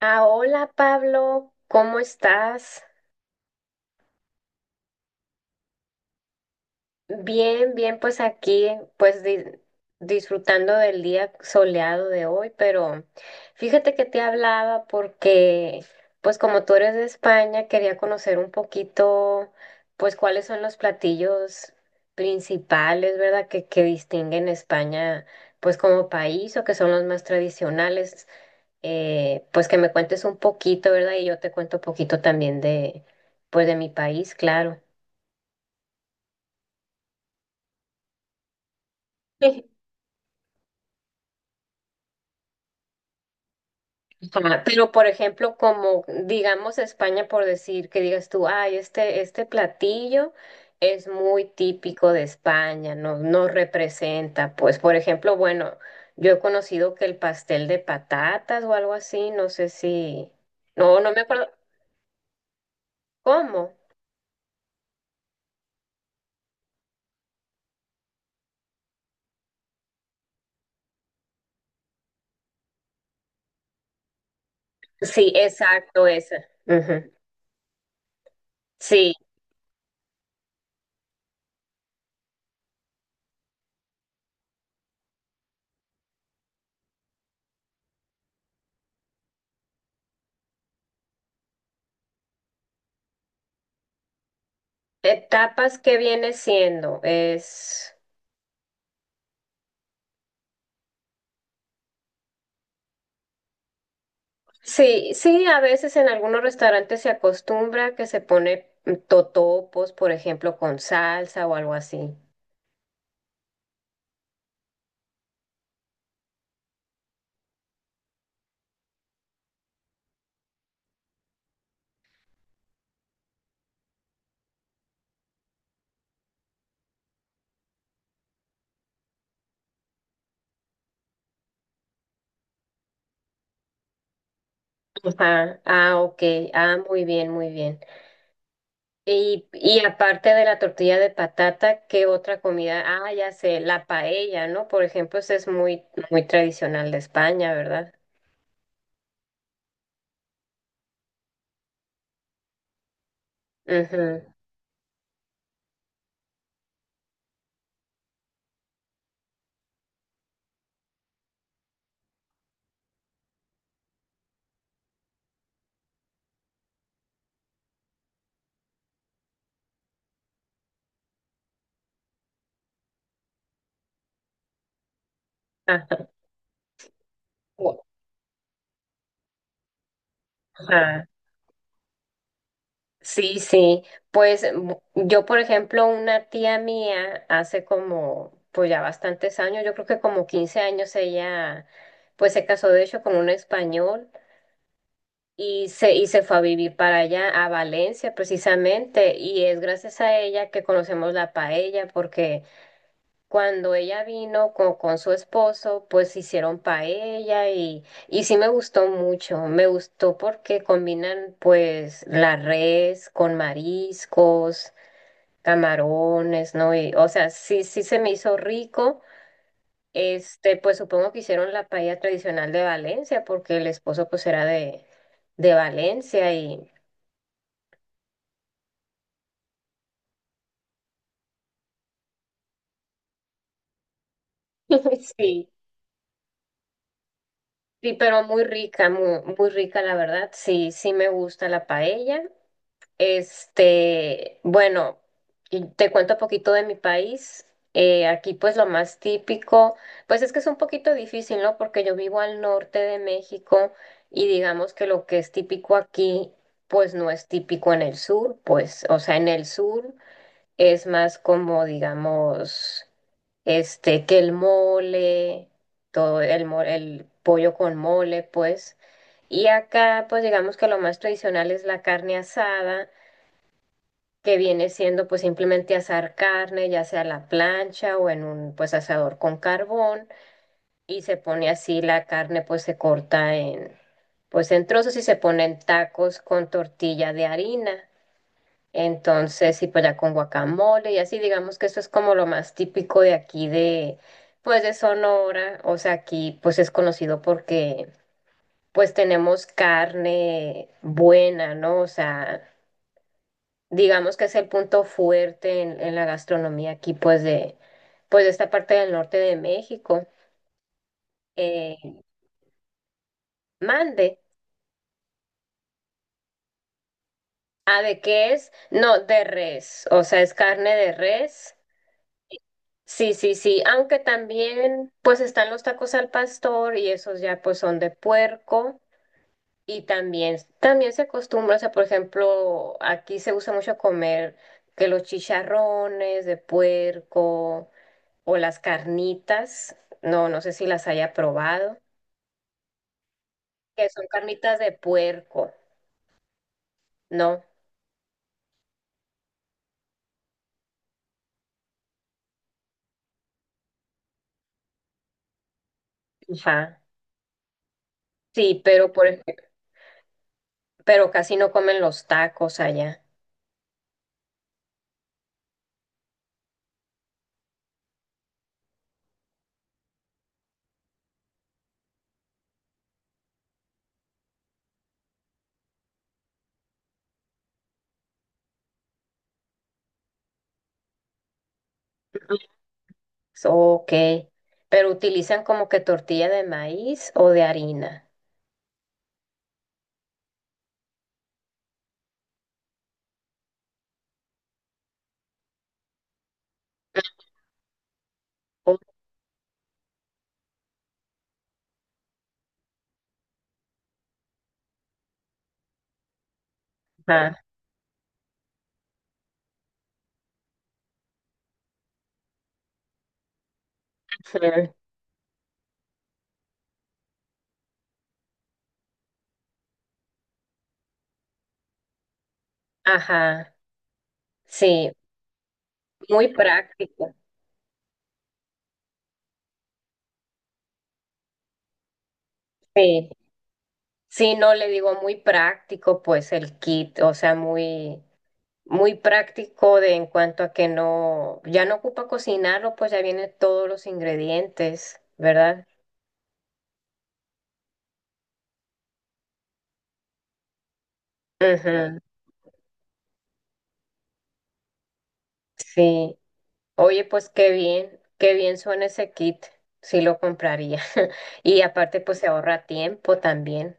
Ah, hola Pablo, ¿cómo estás? Bien, bien, pues aquí, pues disfrutando del día soleado de hoy, pero fíjate que te hablaba porque, pues como tú eres de España, quería conocer un poquito, pues cuáles son los platillos principales, ¿verdad? Que distinguen España, pues como país o que son los más tradicionales. Pues que me cuentes un poquito, ¿verdad? Y yo te cuento un poquito también de, pues de mi país, claro. Sí. Ajá. Pero, por ejemplo, como digamos España, por decir que digas tú, ay, este platillo es muy típico de España, no, no representa, pues, por ejemplo, bueno, yo he conocido que el pastel de patatas o algo así, no sé si, no me acuerdo, ¿cómo? Sí, exacto, esa. Ujú. Sí. Etapas que viene siendo es sí, sí, a veces en algunos restaurantes se acostumbra que se pone totopos, por ejemplo, con salsa o algo así. Ajá. Ah, ok. Ah, muy bien, muy bien. Y aparte de la tortilla de patata, ¿qué otra comida? Ah, ya sé, la paella, ¿no? Por ejemplo, esa es muy, muy tradicional de España, ¿verdad? Ujú. Ajá. Sí, sí, pues yo, por ejemplo, una tía mía hace como, pues ya bastantes años, yo creo que como 15 años ella, pues se casó de hecho con un español y se fue a vivir para allá, a Valencia precisamente, y es gracias a ella que conocemos la paella, porque cuando ella vino con su esposo, pues hicieron paella y sí me gustó mucho. Me gustó porque combinan pues la res con mariscos, camarones, ¿no? Y, o sea, sí, sí se me hizo rico. Este, pues supongo que hicieron la paella tradicional de Valencia porque el esposo pues era de Valencia y sí, sí, pero muy rica, muy, muy rica la verdad. Sí, sí me gusta la paella. Este, bueno, y te cuento un poquito de mi país. Aquí pues lo más típico, pues es que es un poquito difícil, ¿no? Porque yo vivo al norte de México y digamos que lo que es típico aquí, pues no es típico en el sur, pues, o sea, en el sur es más como, digamos, este, que el mole, todo el, el pollo con mole, pues. Y acá, pues digamos que lo más tradicional es la carne asada que viene siendo pues simplemente asar carne, ya sea a la plancha o en un pues asador con carbón y se pone así la carne pues se corta en pues en trozos y se ponen tacos con tortilla de harina. Entonces, y pues ya con guacamole y así, digamos que eso es como lo más típico de aquí de pues de Sonora, o sea, aquí pues es conocido porque pues tenemos carne buena, ¿no? O sea, digamos que es el punto fuerte en la gastronomía aquí, pues de esta parte del norte de México. Eh, Mande. ¿A de qué es? No, de res, o sea, es carne de res. Sí, sí, sí, aunque también pues están los tacos al pastor y esos ya pues son de puerco y también, también se acostumbra, o sea, por ejemplo, aquí se usa mucho comer que los chicharrones de puerco o las carnitas, no sé si las haya probado, que son carnitas de puerco, ¿no? Ajá. Sí, pero por pero casi no comen los tacos allá. Ujú. Ok, pero utilizan como que tortilla de maíz o de harina. Ujú. Ajá. Ujú. Ajá. Sí, muy práctico. Sí. Sí, no le digo muy práctico, pues el kit, o sea, muy muy práctico de en cuanto a que no, ya no ocupa cocinarlo, pues ya vienen todos los ingredientes, ¿verdad? Claro. Ujú, sí. Oye, pues qué bien suena ese kit, sí lo compraría. Y aparte, pues se ahorra tiempo también.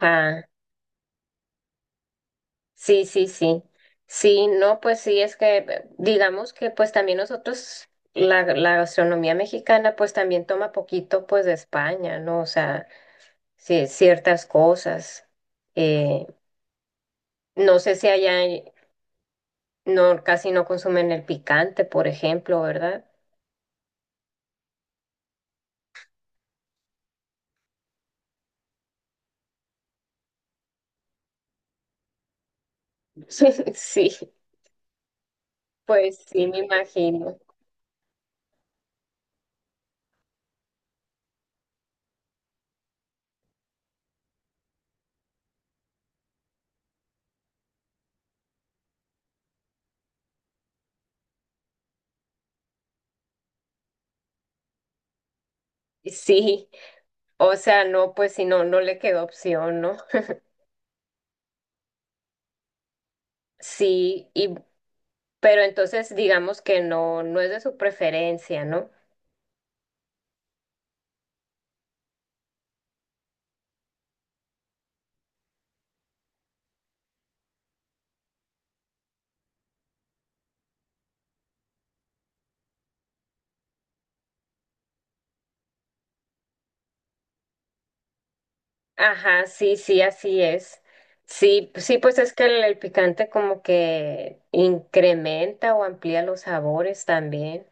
Ah, sí, sí, sí. Sí, no, pues sí, es que digamos que pues también nosotros, la gastronomía mexicana pues también toma poquito pues de España, ¿no? O sea, sí, ciertas cosas. Eh, no sé si allá no, casi no consumen el picante, por ejemplo, ¿verdad? Sí, pues sí, me imagino. Sí, o sea, no, pues si no, no le quedó opción, ¿no? Sí, y, pero entonces digamos que no, no es de su preferencia, ¿no? Ajá, sí, sí, así es. Sí, sí, pues es que el picante como que incrementa o amplía los sabores también.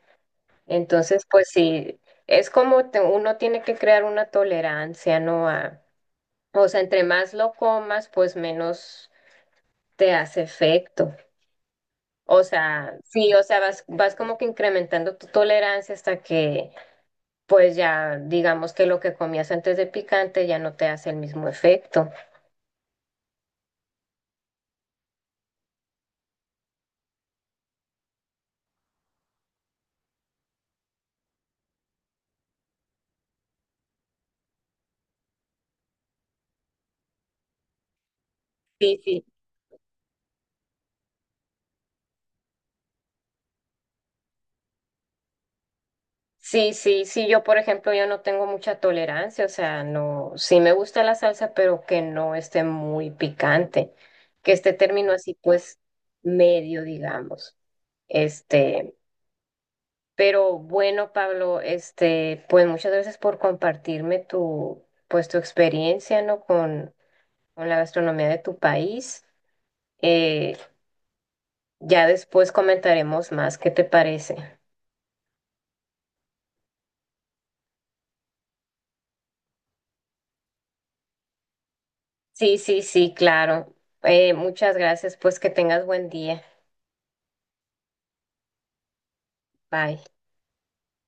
Entonces, pues sí, es como uno tiene que crear una tolerancia, ¿no? A, o sea, entre más lo comas, pues menos te hace efecto. O sea, sí, o sea, vas, vas como que incrementando tu tolerancia hasta que, pues ya, digamos que lo que comías antes de picante ya no te hace el mismo efecto. Sí, sí. Sí, sí, sí, yo por ejemplo yo no tengo mucha tolerancia, o sea, no, sí me gusta la salsa, pero que no esté muy picante, que esté término así pues medio, digamos. Este, pero bueno, Pablo, este, pues muchas gracias por compartirme tu, pues tu experiencia, ¿no? Con la gastronomía de tu país. Eh, ya después comentaremos más, ¿qué te parece? Sí, sí, sí, claro. Muchas gracias, pues que tengas buen día. Bye.